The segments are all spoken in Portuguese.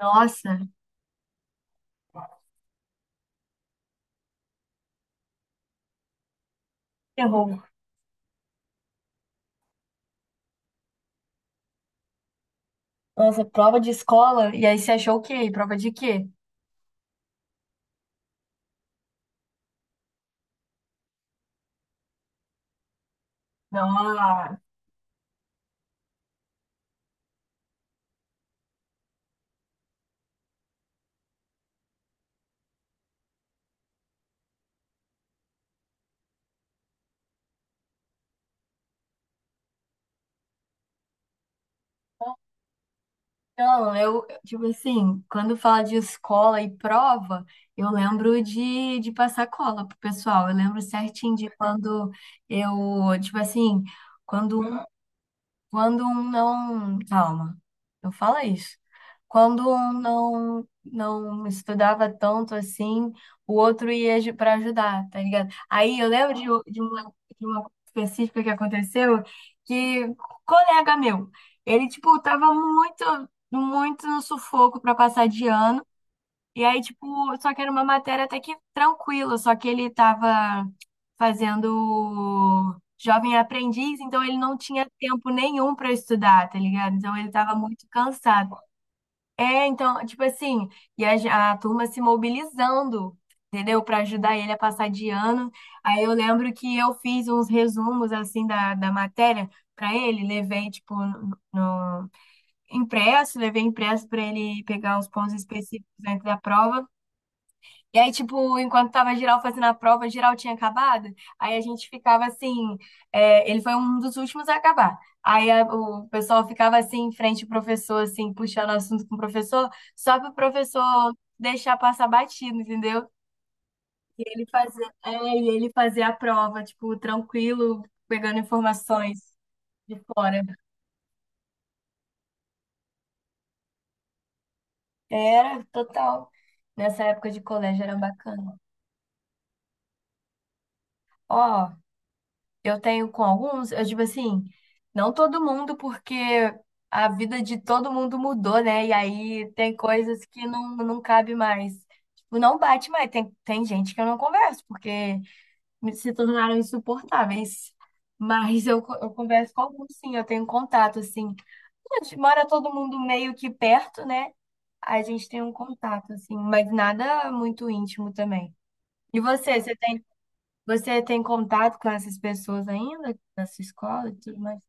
Nossa, errou. Nossa, prova de escola? E aí você achou o quê? Prova de quê? Não, Não, tipo assim, quando fala de escola e prova, eu lembro de passar cola pro pessoal. Eu lembro certinho de quando eu, tipo assim, quando Quando um não. Calma, não fala isso. Quando um não, não estudava tanto assim, o outro ia para ajudar, tá ligado? Aí eu lembro de uma, de uma coisa específica que aconteceu que um colega meu, ele, tipo, tava muito no sufoco para passar de ano. E aí, tipo, só que era uma matéria até que tranquila, só que ele tava fazendo jovem aprendiz, então ele não tinha tempo nenhum para estudar, tá ligado? Então ele tava muito cansado. É, então, tipo assim, e a turma se mobilizando, entendeu? Para ajudar ele a passar de ano. Aí eu lembro que eu fiz uns resumos, assim, da matéria para ele, levei, tipo, impresso, levei impresso para ele pegar os pontos específicos dentro da prova. E aí, tipo, enquanto tava geral fazendo a prova, geral tinha acabado. Aí a gente ficava assim, é, ele foi um dos últimos a acabar. Aí o pessoal ficava assim em frente ao professor, assim, puxando assunto com o professor, só para o professor deixar passar batido, entendeu? E ele fazer a prova, tipo, tranquilo, pegando informações de fora. Era total. Nessa época de colégio era bacana. Ó. Eu tenho com alguns, eu digo assim, não todo mundo, porque a vida de todo mundo mudou, né? E aí tem coisas que não, não cabe mais. Tipo, não bate mais. Tem, tem gente que eu não converso, porque se tornaram insuportáveis. Mas eu converso com alguns, sim, eu tenho contato, assim. A gente mora todo mundo meio que perto, né? A gente tem um contato, assim, mas nada muito íntimo também. E você, você tem contato com essas pessoas ainda na sua escola e tudo mais?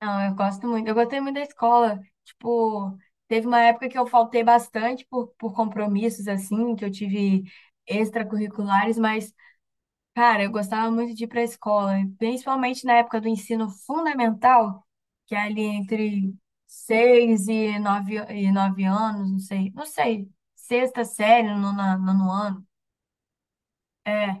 Não, eu gosto muito. Eu gostei muito da escola. Tipo, teve uma época que eu faltei bastante por compromissos, assim, que eu tive extracurriculares, mas, cara, eu gostava muito de ir pra escola, e principalmente na época do ensino fundamental, que é ali entre seis e nove anos, não sei, não sei, sexta série, nono ano. É,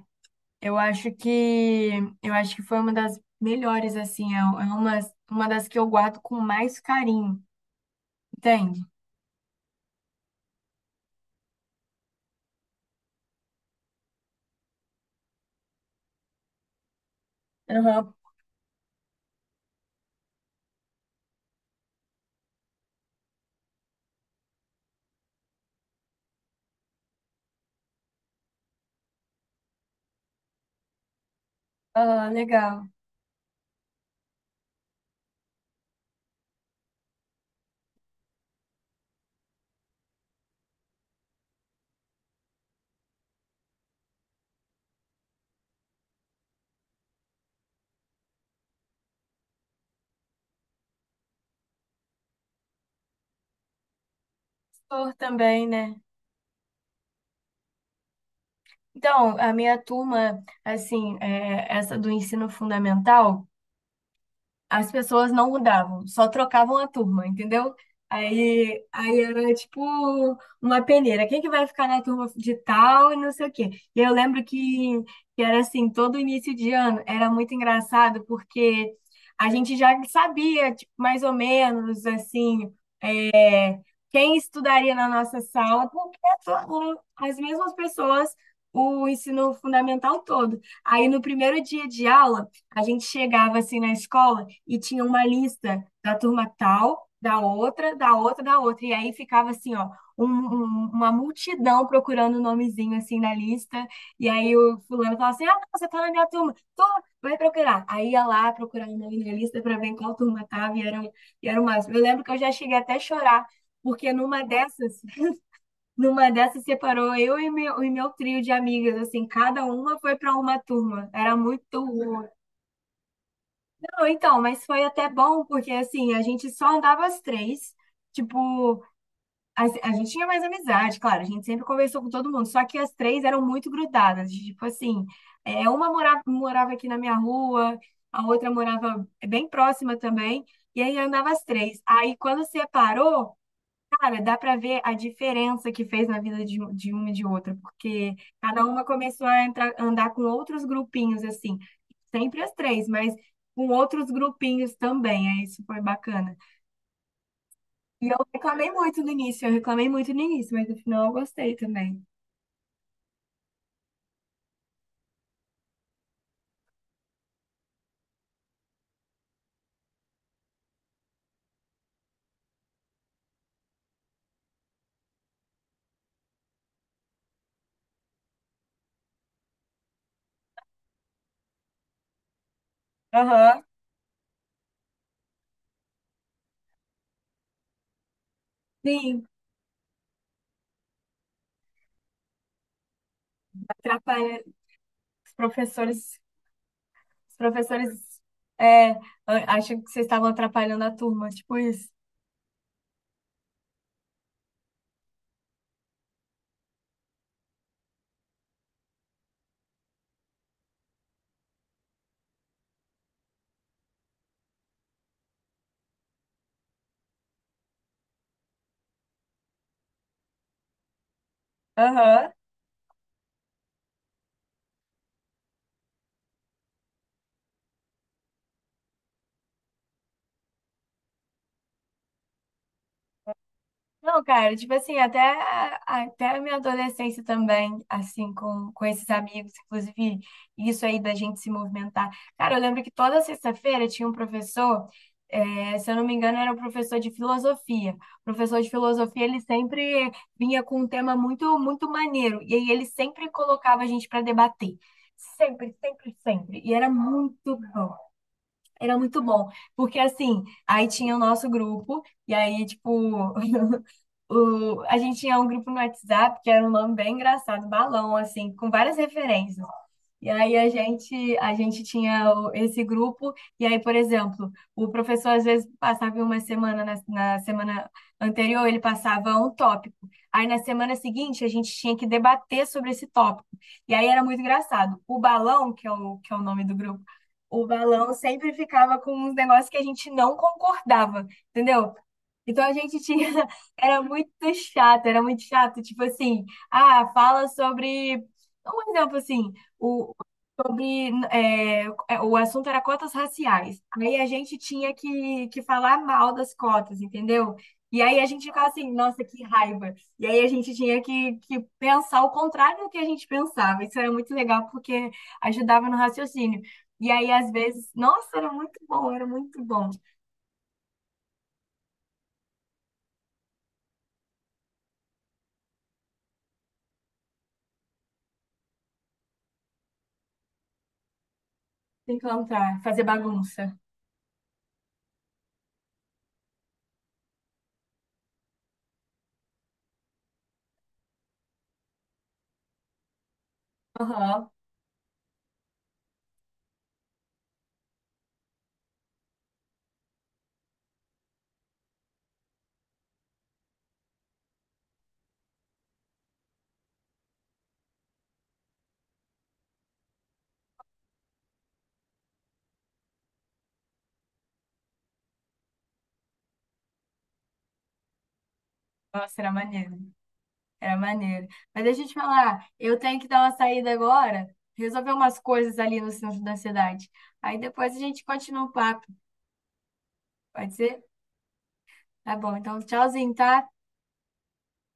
Eu acho que eu acho que foi uma das melhores, assim, é uma das que eu guardo com mais carinho, entende? Aham. Ah, legal. Professor também, né? Então, a minha turma, assim, é, essa do ensino fundamental. As pessoas não mudavam, só trocavam a turma, entendeu? Aí era tipo uma peneira. Quem que vai ficar na turma de tal e não sei o quê. E eu lembro que era assim, todo início de ano era muito engraçado porque a gente já sabia, tipo, mais ou menos assim, quem estudaria na nossa sala, porque foram as mesmas pessoas o ensino fundamental todo. Aí no primeiro dia de aula, a gente chegava assim na escola e tinha uma lista da turma tal, da outra, da outra, da outra. E aí ficava assim, ó, uma multidão procurando o nomezinho assim na lista. E aí o fulano falava assim: Ah, não, você tá na minha turma, tô, vai procurar. Aí ia lá procurar o nome na lista para ver em qual turma tava, e eram mais. Eu lembro que eu já cheguei até a chorar porque numa dessas separou eu e meu trio de amigas, assim, cada uma foi para uma turma. Era muito ruim. Não, então, mas foi até bom, porque assim, a gente só andava as três. Tipo, a gente tinha mais amizade, claro, a gente sempre conversou com todo mundo, só que as três eram muito grudadas. Tipo assim, é, uma morava aqui na minha rua, a outra morava bem próxima também, e aí andava as três. Aí quando separou, cara, dá para ver a diferença que fez na vida de, de uma e de outra, porque cada uma começou a entrar, andar com outros grupinhos, assim, sempre as três, mas com outros grupinhos também, aí isso foi bacana. E eu reclamei muito no início, eu reclamei muito no início, mas no final eu gostei também. Aham. Sim, atrapalha os professores é, acham que vocês estavam atrapalhando a turma, tipo isso. Aham. Não, cara, tipo assim, até a minha adolescência também, assim, com esses amigos, inclusive isso aí da gente se movimentar. Cara, eu lembro que toda sexta-feira tinha um professor, se eu não me engano, era um professor de filosofia. O professor de filosofia, ele sempre vinha com um tema muito maneiro, e aí ele sempre colocava a gente para debater. Sempre, sempre, sempre. E era muito bom. Era muito bom, porque assim, aí tinha o nosso grupo, e aí, tipo, a gente tinha um grupo no WhatsApp que era um nome bem engraçado, Balão, assim, com várias referências. E aí a gente tinha esse grupo, e aí, por exemplo, o professor às vezes passava em uma semana, na semana anterior ele passava um tópico. Aí na semana seguinte a gente tinha que debater sobre esse tópico. E aí era muito engraçado. O balão, que é o nome do grupo, o balão sempre ficava com uns negócios que a gente não concordava, entendeu? Então a gente tinha, era muito era muito chato, tipo assim, ah, fala sobre, um exemplo assim, o, sobre o assunto era cotas raciais. Aí a gente tinha que falar mal das cotas, entendeu? E aí a gente ficava assim, nossa, que raiva. E aí a gente tinha que pensar o contrário do que a gente pensava. Isso era muito legal porque ajudava no raciocínio. E aí, às vezes, nossa, era muito bom se encontrar, fazer bagunça. Aham. Nossa, era maneiro. Era maneiro. Mas deixa eu te falar, eu tenho que dar uma saída agora, resolver umas coisas ali no centro da cidade. Aí depois a gente continua o papo, pode ser? Tá bom, então tchauzinho, tá?